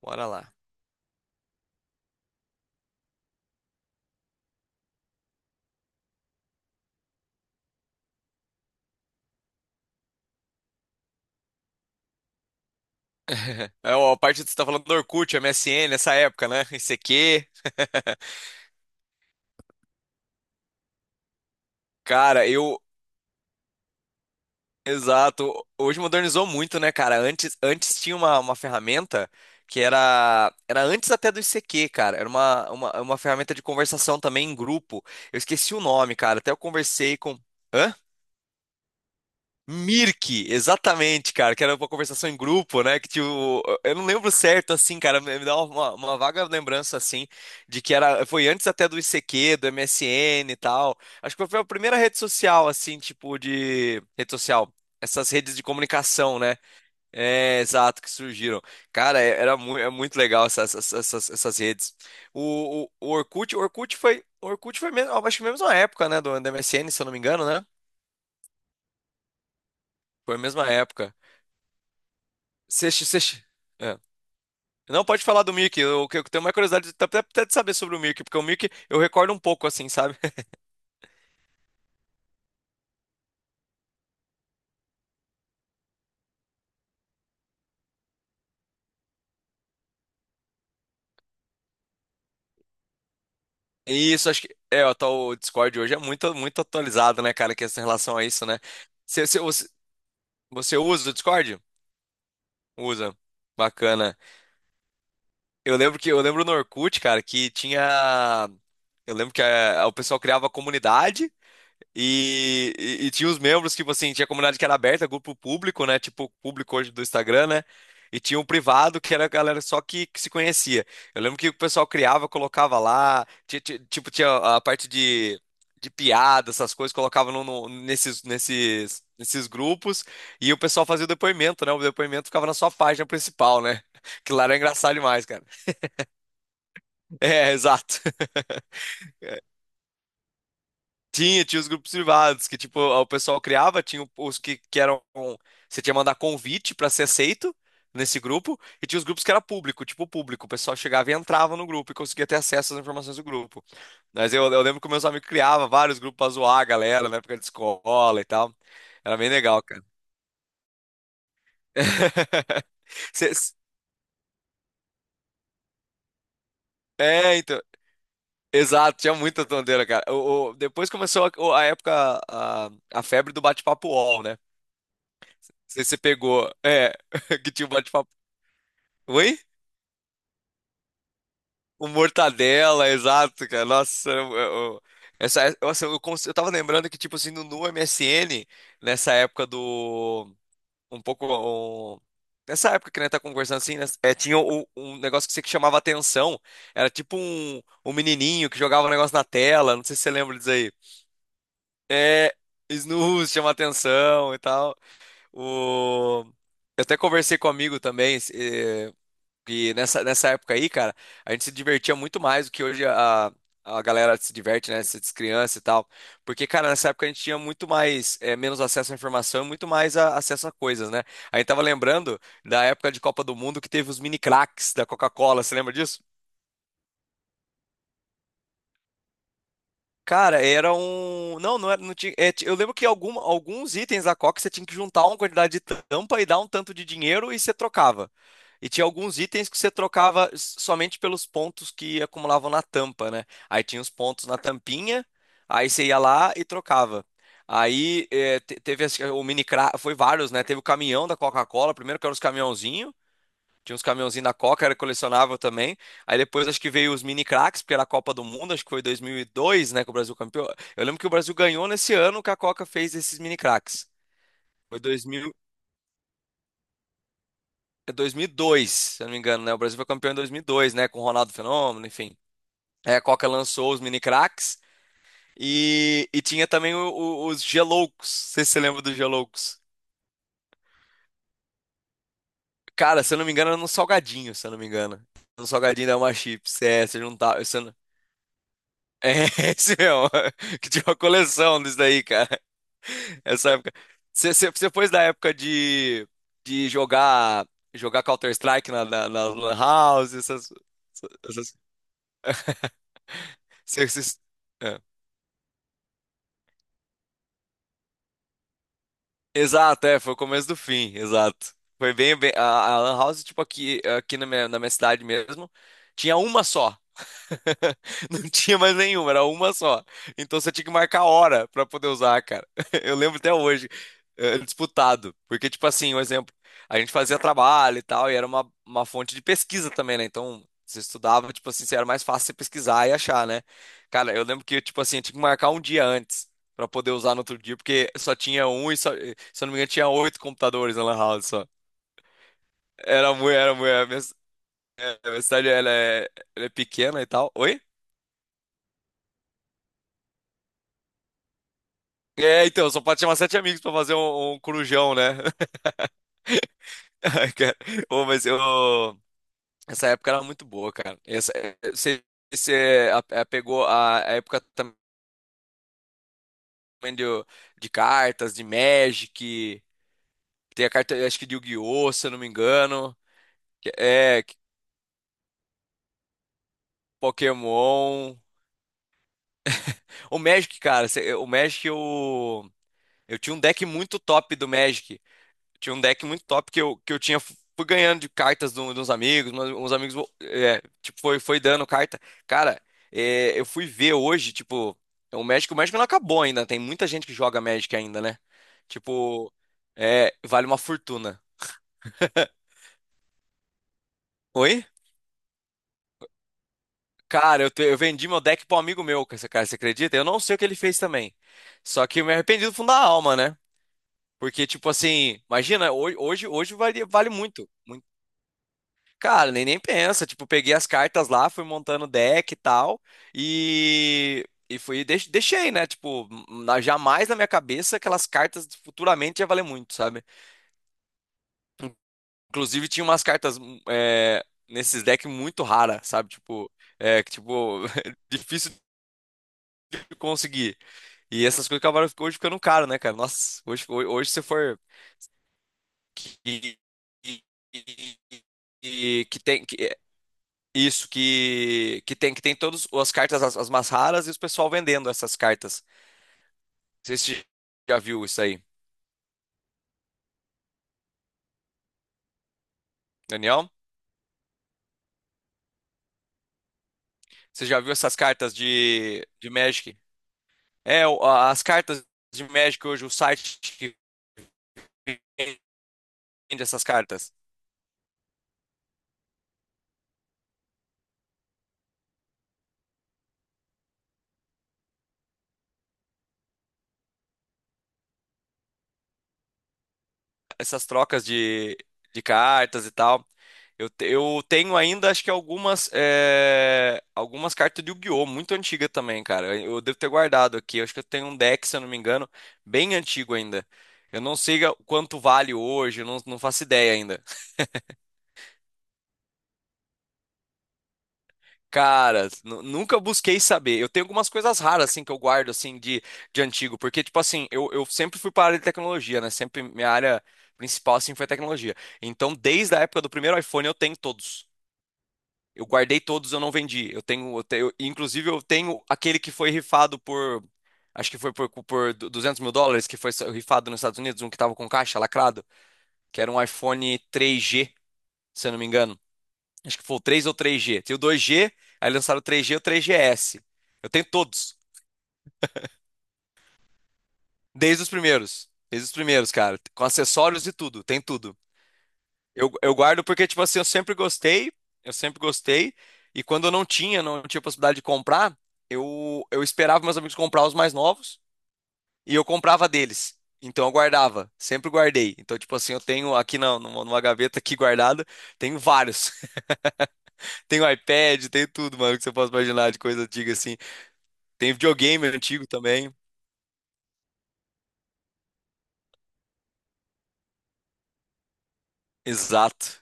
Bora lá. É, ó, a parte que você tá falando do Orkut, MSN, essa época, né? ICQ. Cara, eu. Exato. Hoje modernizou muito, né, cara? Antes tinha uma ferramenta que era. Era antes até do ICQ, cara. Era uma ferramenta de conversação também em grupo. Eu esqueci o nome, cara. Até eu conversei com. Hã? Mirk, exatamente, cara, que era uma conversação em grupo, né? Que tipo, eu não lembro certo, assim, cara, me dá uma vaga lembrança, assim, de que era, foi antes até do ICQ, do MSN e tal. Acho que foi a primeira rede social, assim, tipo, de. Rede social. Essas redes de comunicação, né? É, exato, que surgiram. Cara, é- era mu é muito legal essas redes. O Orkut, o Orkut foi mesmo, acho que mesmo na época, né? Do MSN, se eu não me engano, né? Foi a mesma época. Você, é. Não pode falar do Mickey. Eu tenho uma curiosidade até de saber sobre o Mickey, porque o Mickey eu recordo um pouco assim, sabe? Isso, acho que. É, ó, tá, o tal Discord hoje é muito, muito atualizado, né, cara, que essa relação a isso, né? Você, você, você você usa o Discord? Usa. Bacana. Eu lembro no Orkut, cara, que tinha. Eu lembro que o pessoal criava comunidade. E tinha os membros, tipo assim, tinha comunidade que era aberta, grupo público, né? Tipo, público hoje do Instagram, né? E tinha um privado que era a galera só que se conhecia. Eu lembro que o pessoal criava, colocava lá, tipo, tinha a parte de piada, essas coisas, colocava nesses grupos, e o pessoal fazia o depoimento, né? O depoimento ficava na sua página principal, né? Que lá era engraçado demais, cara. É, exato. Tinha os grupos privados, que tipo, o pessoal criava, tinha os que eram. Você tinha que mandar convite pra ser aceito nesse grupo, e tinha os grupos que era público, tipo público. O pessoal chegava e entrava no grupo e conseguia ter acesso às informações do grupo. Mas eu lembro que meus amigos criavam vários grupos pra zoar a galera na época de escola e tal. Era bem legal, cara. Cê- É, então. Exato, tinha muita tonteira, cara. Depois começou a, o- a época, a febre do bate-papo UOL, né? Sei se você pegou. É, que tinha um bate-papo. Oi? O Mortadela, exato, cara. Nossa, eu- essa, nossa, eu, cons- eu tava lembrando que, tipo assim, no MSN, nessa época do. Um pouco. um- Nessa época que a gente tá conversando assim, né, é, tinha um negócio que você que chamava atenção. Era tipo um menininho que jogava um negócio na tela. Não sei se você lembra disso aí. É, snooze chama atenção e tal. O. Eu até conversei com um amigo também. E nessa época aí, cara, a gente se divertia muito mais do que hoje a galera se diverte, né? Se criança e tal. Porque, cara, nessa época a gente tinha muito mais, menos acesso à informação e muito mais acesso a coisas, né? A gente tava lembrando da época de Copa do Mundo que teve os mini craques da Coca-Cola, você lembra disso? Cara, era um. Não, não era. Não tinha. É, eu lembro que alguns itens da Coca você tinha que juntar uma quantidade de tampa e dar um tanto de dinheiro e você trocava. E tinha alguns itens que você trocava somente pelos pontos que acumulavam na tampa, né? Aí tinha os pontos na tampinha, aí você ia lá e trocava. Aí é, te- teve esse- o mini cra... foi vários, né? Teve o caminhão da Coca-Cola, primeiro que era os caminhãozinhos. Tinha uns caminhãozinhos da Coca, era colecionável também. Aí depois acho que veio os mini craques, porque era a Copa do Mundo, acho que foi 2002, né, que o Brasil campeão. Eu lembro que o Brasil ganhou nesse ano que a Coca fez esses mini craques. Foi 2000, é 2002, se eu não me engano, né? O Brasil foi campeão em 2002, né, com o Ronaldo Fenômeno, enfim. Aí a Coca lançou os mini craques e tinha também os Geloucos. Não sei se você lembra dos Geloucos. Cara, se eu não me engano, era no Salgadinho, se eu não me engano. No Salgadinho da uma Chips, é, você juntava. É, esse mesmo, que tinha uma coleção disso daí, cara. Essa época. Você foi da época de jogar jogar Counter-Strike na lan House, essas, cê- cês- é. Exato, é, foi o começo do fim, exato. Foi bem a Lan House, tipo, aqui na minha cidade mesmo, tinha uma só. Não tinha mais nenhuma, era uma só. Então você tinha que marcar a hora pra poder usar, cara. Eu lembro até hoje, disputado. Porque, tipo assim, um exemplo, a gente fazia trabalho e tal, e era uma fonte de pesquisa também, né? Então você estudava, tipo assim, era mais fácil você pesquisar e achar, né? Cara, eu lembro que, tipo assim, eu tinha que marcar um dia antes pra poder usar no outro dia, porque só tinha um e só, se eu não me engano, tinha oito computadores na Lan House só. Era muito. A minha cidade ela é pequena e tal. Oi? É, então, só pode chamar sete amigos pra fazer um corujão, né? Ai, cara. Ô, mas eu. Essa época era muito boa, cara. Você pegou a época também de, de cartas, de Magic. Tem a carta, eu acho que de Yu-Gi-Oh!, se eu não me engano. É, Pokémon. O Magic, cara, você- o Magic eu. Eu tinha um deck muito top do Magic. Tinha um deck muito top que eu tinha. Fui ganhando de cartas de, de uns amigos, mas uns amigos, é, tipo, foi dando carta. Cara, é, eu fui ver hoje, tipo, o Magic não acabou ainda. Tem muita gente que joga Magic ainda, né? Tipo, é, vale uma fortuna. Oi? Cara, eu vendi meu deck pra um amigo meu, cara, você acredita? Eu não sei o que ele fez também. Só que eu me arrependi do fundo da alma, né? Porque, tipo assim, imagina, hoje vale muito. Cara, nem pensa. Tipo, peguei as cartas lá, fui montando deck e tal. E fui, deixei, né? Tipo, jamais na minha cabeça aquelas cartas futuramente ia valer muito, sabe? Inclusive, tinha umas cartas é, nesses decks muito raras, sabe? Tipo, é, que, tipo, difícil de conseguir. E essas coisas acabaram hoje ficando caro, né, cara? Nossa, hoje se for. que- que- que- que tem que, Isso, que tem todas as cartas, as mais raras, e os pessoal vendendo essas cartas. Não sei se você já viu isso aí, Daniel. Você já viu essas cartas de Magic? É, as cartas de Magic hoje, o site que vende essas cartas. Essas trocas de cartas e tal. Eu tenho ainda, acho que algumas cartas de Yu-Gi-Oh! Muito antiga também, cara. Eu devo ter guardado aqui. Eu acho que eu tenho um deck, se eu não me engano, bem antigo ainda. Eu não sei quanto vale hoje, eu não faço ideia ainda. Cara, nunca busquei saber. Eu tenho algumas coisas raras, assim, que eu guardo, assim, de antigo. Porque, tipo assim, eu sempre fui para a área de tecnologia, né? Sempre minha área principal, assim, foi tecnologia. Então, desde a época do primeiro iPhone, eu tenho todos. Eu guardei todos, eu não vendi. Inclusive eu tenho aquele que foi rifado por, acho que foi por US$ 200 mil, que foi rifado nos Estados Unidos, um que tava com caixa lacrado, que era um iPhone 3G, se eu não me engano. Acho que foi o 3 ou 3G. Tem o 2G, aí lançaram o 3G e o 3GS. Eu tenho todos, desde os primeiros, cara, com acessórios e tudo, tem tudo. Eu guardo porque, tipo assim, eu sempre gostei, e quando eu não tinha, não tinha possibilidade de comprar, eu esperava meus amigos comprar os mais novos e eu comprava deles. Então eu guardava, sempre guardei. Então, tipo assim, eu tenho aqui não, numa gaveta aqui guardada, tenho vários. Tenho iPad, tenho tudo, mano, que você possa imaginar de coisa antiga assim. Tem videogame antigo também. Exato.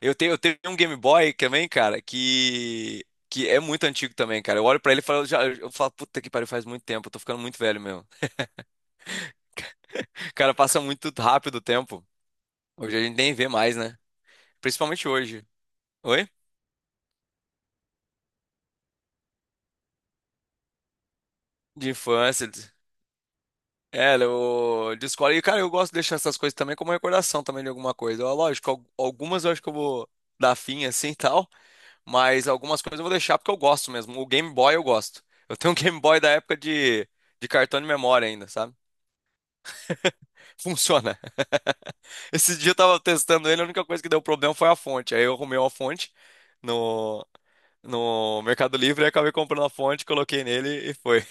Eu tenho um Game Boy também, cara, que é muito antigo também, cara. Eu olho pra ele e falo, já, eu falo, puta que pariu, faz muito tempo, eu tô ficando muito velho mesmo. Cara, passa muito rápido o tempo. Hoje a gente nem vê mais, né? Principalmente hoje. Oi? De infância. É, de escola. E, cara, eu gosto de deixar essas coisas também como recordação também de alguma coisa. Ó, lógico, algumas eu acho que eu vou dar fim assim e tal, mas algumas coisas eu vou deixar porque eu gosto mesmo. O Game Boy eu gosto. Eu tenho um Game Boy da época de cartão de memória ainda, sabe? Funciona. Esse dia eu tava testando ele, a única coisa que deu problema foi a fonte. Aí eu arrumei uma fonte no, no Mercado Livre, aí acabei comprando a fonte, coloquei nele e foi.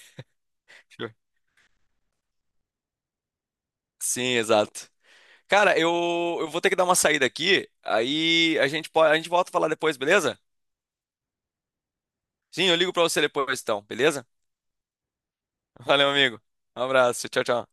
Sim, exato. Cara, eu vou ter que dar uma saída aqui, aí a gente volta a falar depois, beleza? Sim, eu ligo pra você depois então, beleza? Valeu, amigo. Um abraço, tchau, tchau.